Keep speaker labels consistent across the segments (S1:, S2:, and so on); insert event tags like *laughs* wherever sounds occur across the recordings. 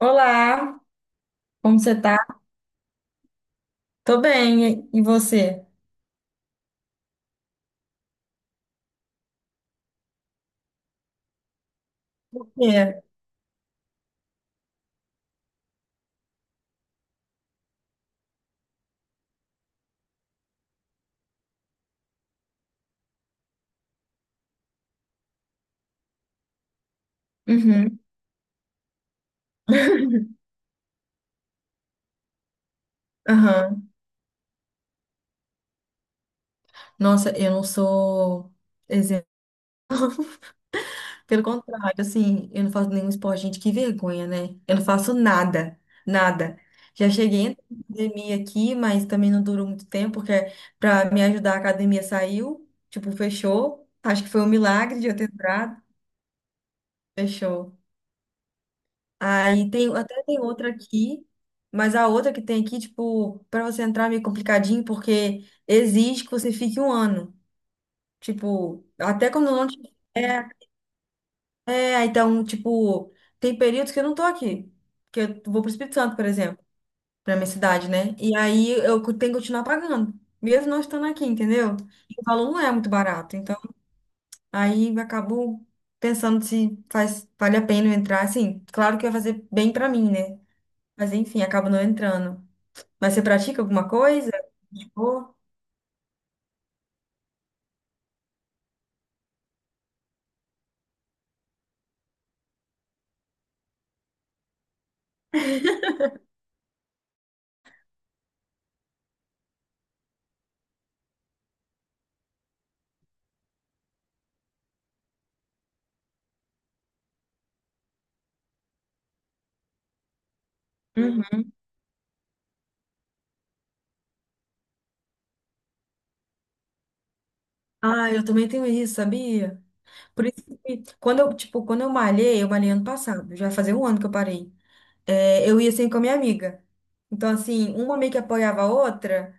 S1: Olá, como você tá? Tô bem, e você? É. Uhum. Aham. Nossa, eu não sou exemplo. Pelo contrário, assim, eu não faço nenhum esporte, gente, que vergonha, né? Eu não faço nada, nada. Já cheguei na academia aqui, mas também não durou muito tempo, porque pra me ajudar a academia saiu, tipo, fechou. Acho que foi um milagre de eu ter entrado. Fechou. Aí tem, até tem outra aqui, mas a outra que tem aqui, tipo, para você entrar é meio complicadinho, porque exige que você fique um ano. Tipo, até quando não é, é, então, tipo, tem períodos que eu não tô aqui, que eu vou pro Espírito Santo, por exemplo, pra minha cidade, né? E aí eu tenho que continuar pagando, mesmo não estando aqui, entendeu? E o valor não é muito barato, então aí eu acabo pensando se faz, vale a pena eu entrar, assim, claro que vai fazer bem pra mim, né? Mas enfim, acaba não entrando. Mas você pratica alguma coisa? Tipo, uhum. Ah, eu também tenho isso, sabia? Por isso que quando eu, tipo, quando eu malhei ano passado, já fazia um ano que eu parei. É, eu ia sempre com a minha amiga. Então, assim, uma meio que apoiava a outra,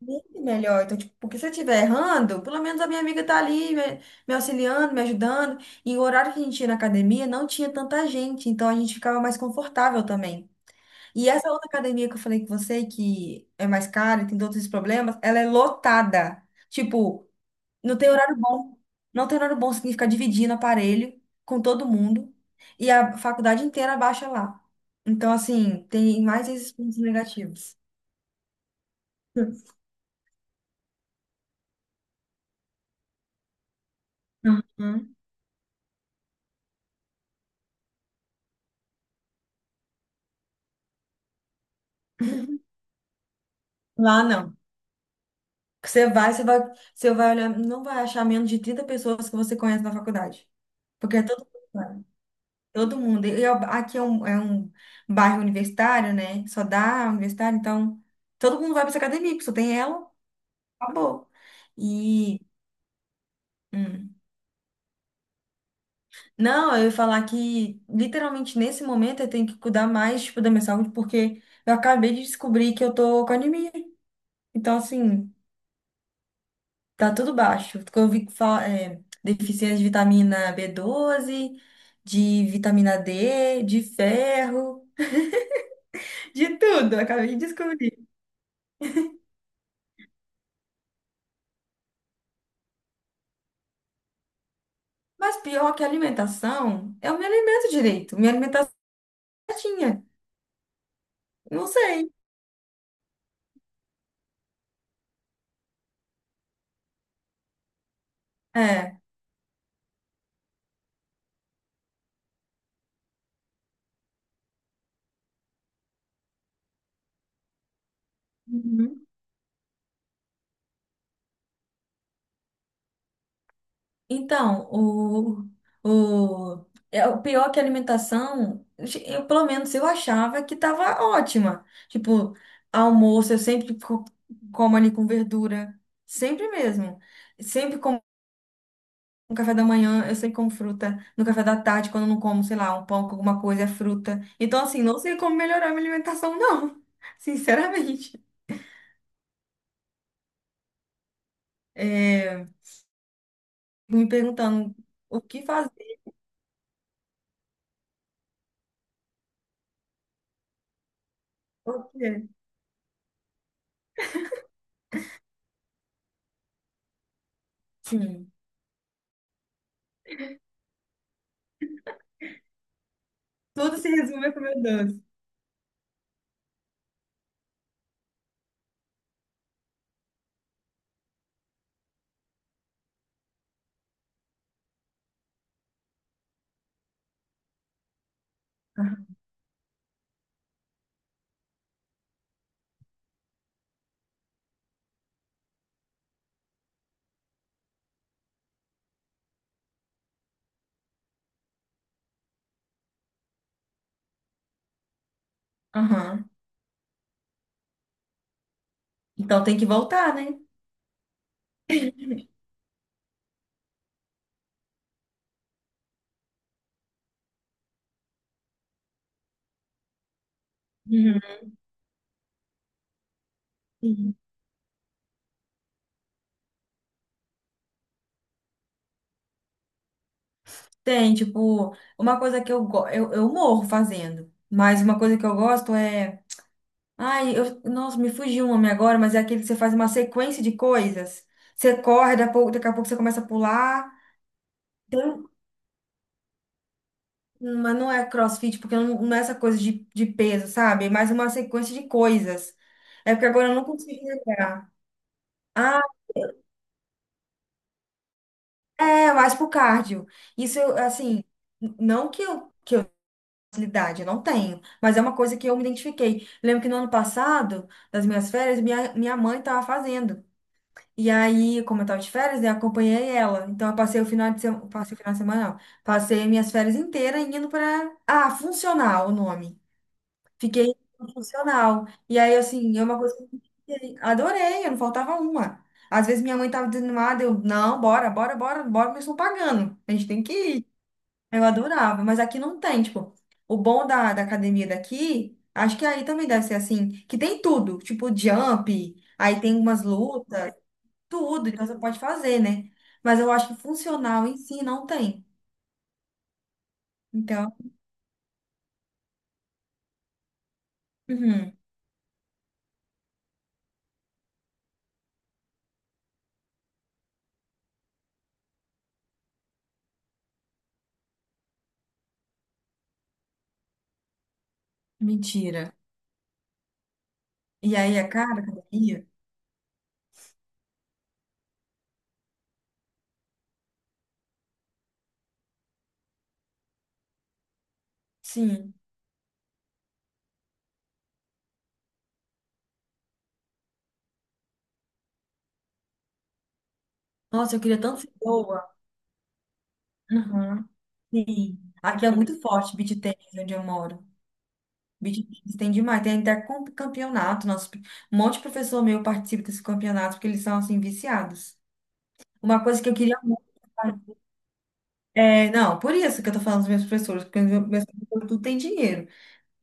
S1: muito melhor. Então, tipo, porque se eu estiver errando, pelo menos a minha amiga tá ali me, me auxiliando, me ajudando. E o horário que a gente ia na academia não tinha tanta gente, então a gente ficava mais confortável também. E essa outra academia que eu falei com você, que é mais cara e tem todos esses problemas, ela é lotada. Tipo, não tem horário bom. Não tem horário bom, significa dividindo aparelho com todo mundo. E a faculdade inteira baixa lá. Então, assim, tem mais esses pontos negativos. Uhum. Lá não. Você vai, você vai, você vai, olhar, não vai achar menos de 30 pessoas que você conhece na faculdade. Porque é todo mundo. Todo mundo. E aqui é um bairro universitário, né? Só dá universitário, então todo mundo vai para essa academia, porque só tem ela, acabou. E. Hum. Não, eu ia falar que literalmente nesse momento eu tenho que cuidar mais, tipo, da minha saúde, porque eu acabei de descobrir que eu tô com anemia. Então, assim, tá tudo baixo. Porque eu vi que fala, deficiência de vitamina B12, de vitamina D, de ferro, de tudo. Eu acabei de descobrir. Mas pior que a alimentação, eu me alimento direito, minha alimentação é certinha. Não sei. É. Uhum. Então, o, o, é o pior que a alimentação, eu, pelo menos eu achava que estava ótima. Tipo, almoço eu sempre como ali com verdura, sempre mesmo. Sempre como no café da manhã, eu sempre como fruta. No café da tarde, quando eu não como, sei lá, um pão com alguma coisa, é fruta. Então, assim, não sei como melhorar a minha alimentação, não. *laughs* Sinceramente. é, me perguntando o que fazer, o que. Sim. Tudo se resume a comer doce. Aham. Então tem que voltar, né? Uhum. Sim. Tem, tipo, uma coisa que eu morro fazendo, mas uma coisa que eu gosto é. Ai, eu, nossa, me fugiu o nome agora, mas é aquele que você faz uma sequência de coisas. Você corre, daqui a pouco você começa a pular, mas não é CrossFit, porque não, não é essa coisa de peso, sabe? É mais uma sequência de coisas. É porque agora eu não consigo lembrar. Ah, é, mais pro cardio. Isso, eu, assim, não que eu facilidade, eu não tenho, mas é uma coisa que eu me identifiquei. Lembro que no ano passado, das minhas férias, minha mãe estava fazendo. E aí, como eu tava de férias, né, acompanhei ela. Então, eu passei o final de semana, passei o final de semana, não. Passei minhas férias inteiras indo para... Ah, funcional o nome. Fiquei funcional. E aí, assim, é uma coisa que eu adorei, eu não faltava uma. Às vezes minha mãe tava desanimada, eu, não, bora, bora, bora, bora, mas estão pagando. A gente tem que ir. Eu adorava, mas aqui não tem, tipo, o bom da, da academia daqui, acho que aí também deve ser assim, que tem tudo, tipo jump, aí tem umas lutas, tudo, então você pode fazer, né? Mas eu acho que funcional em si não tem. Então, uhum, mentira. E aí é cara a academia? Sim. Nossa, eu queria tanto ser boa. Uhum, sim. Aqui é muito forte beach tennis, onde eu moro. Beach tennis tem demais. Tem até campeonato. Nosso, um monte de professor meu participa desse campeonato, porque eles são, assim, viciados. Uma coisa que eu queria muito. É, não, por isso que eu tô falando dos meus professores, porque os meus professores tudo tem dinheiro.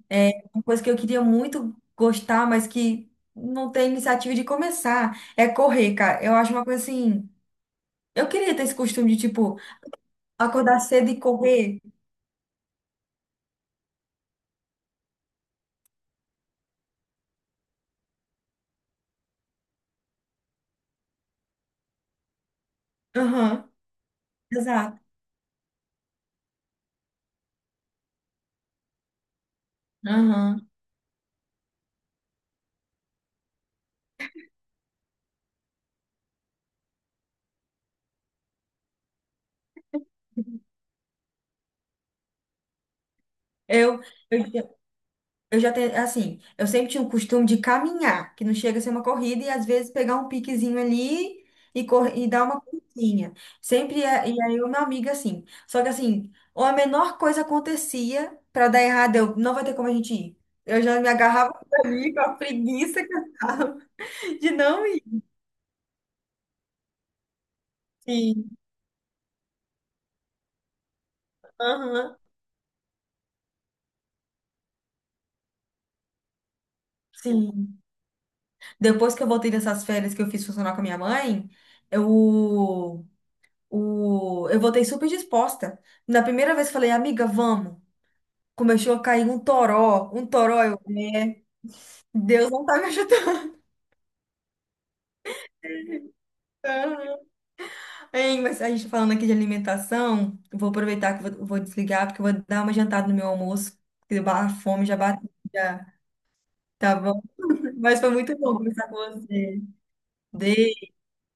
S1: É uma coisa que eu queria muito gostar, mas que não tem iniciativa de começar, é correr, cara. Eu acho uma coisa assim. Eu queria ter esse costume de, tipo, acordar cedo e correr. Aham. Exato. Aham. Eu, eu, eu já tenho, assim, eu sempre tinha o costume de caminhar, que não chega a ser uma corrida, e às vezes pegar um piquezinho ali e, cor, e dar uma corridinha. Sempre, e aí eu, minha amiga, assim. Só que, assim, ou a menor coisa acontecia pra dar errado, eu, não vai ter como a gente ir. Eu já me agarrava ali com a preguiça que eu tava *laughs* de não ir. Sim. Aham. Sim. Depois que eu voltei dessas férias que eu fiz funcionar com a minha mãe, eu. O... Eu voltei super disposta. Na primeira vez falei, amiga, vamos. Começou a cair um toró, um toró. Eu, é, Deus não tá me ajudando. Hein, mas a gente tá falando aqui de alimentação, eu vou aproveitar que vou desligar, porque eu vou dar uma jantada no meu almoço. Porque a fome já bateu, já. Tá bom? Mas foi muito bom conversar com você. Beijo,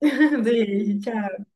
S1: *laughs* beijo, tchau.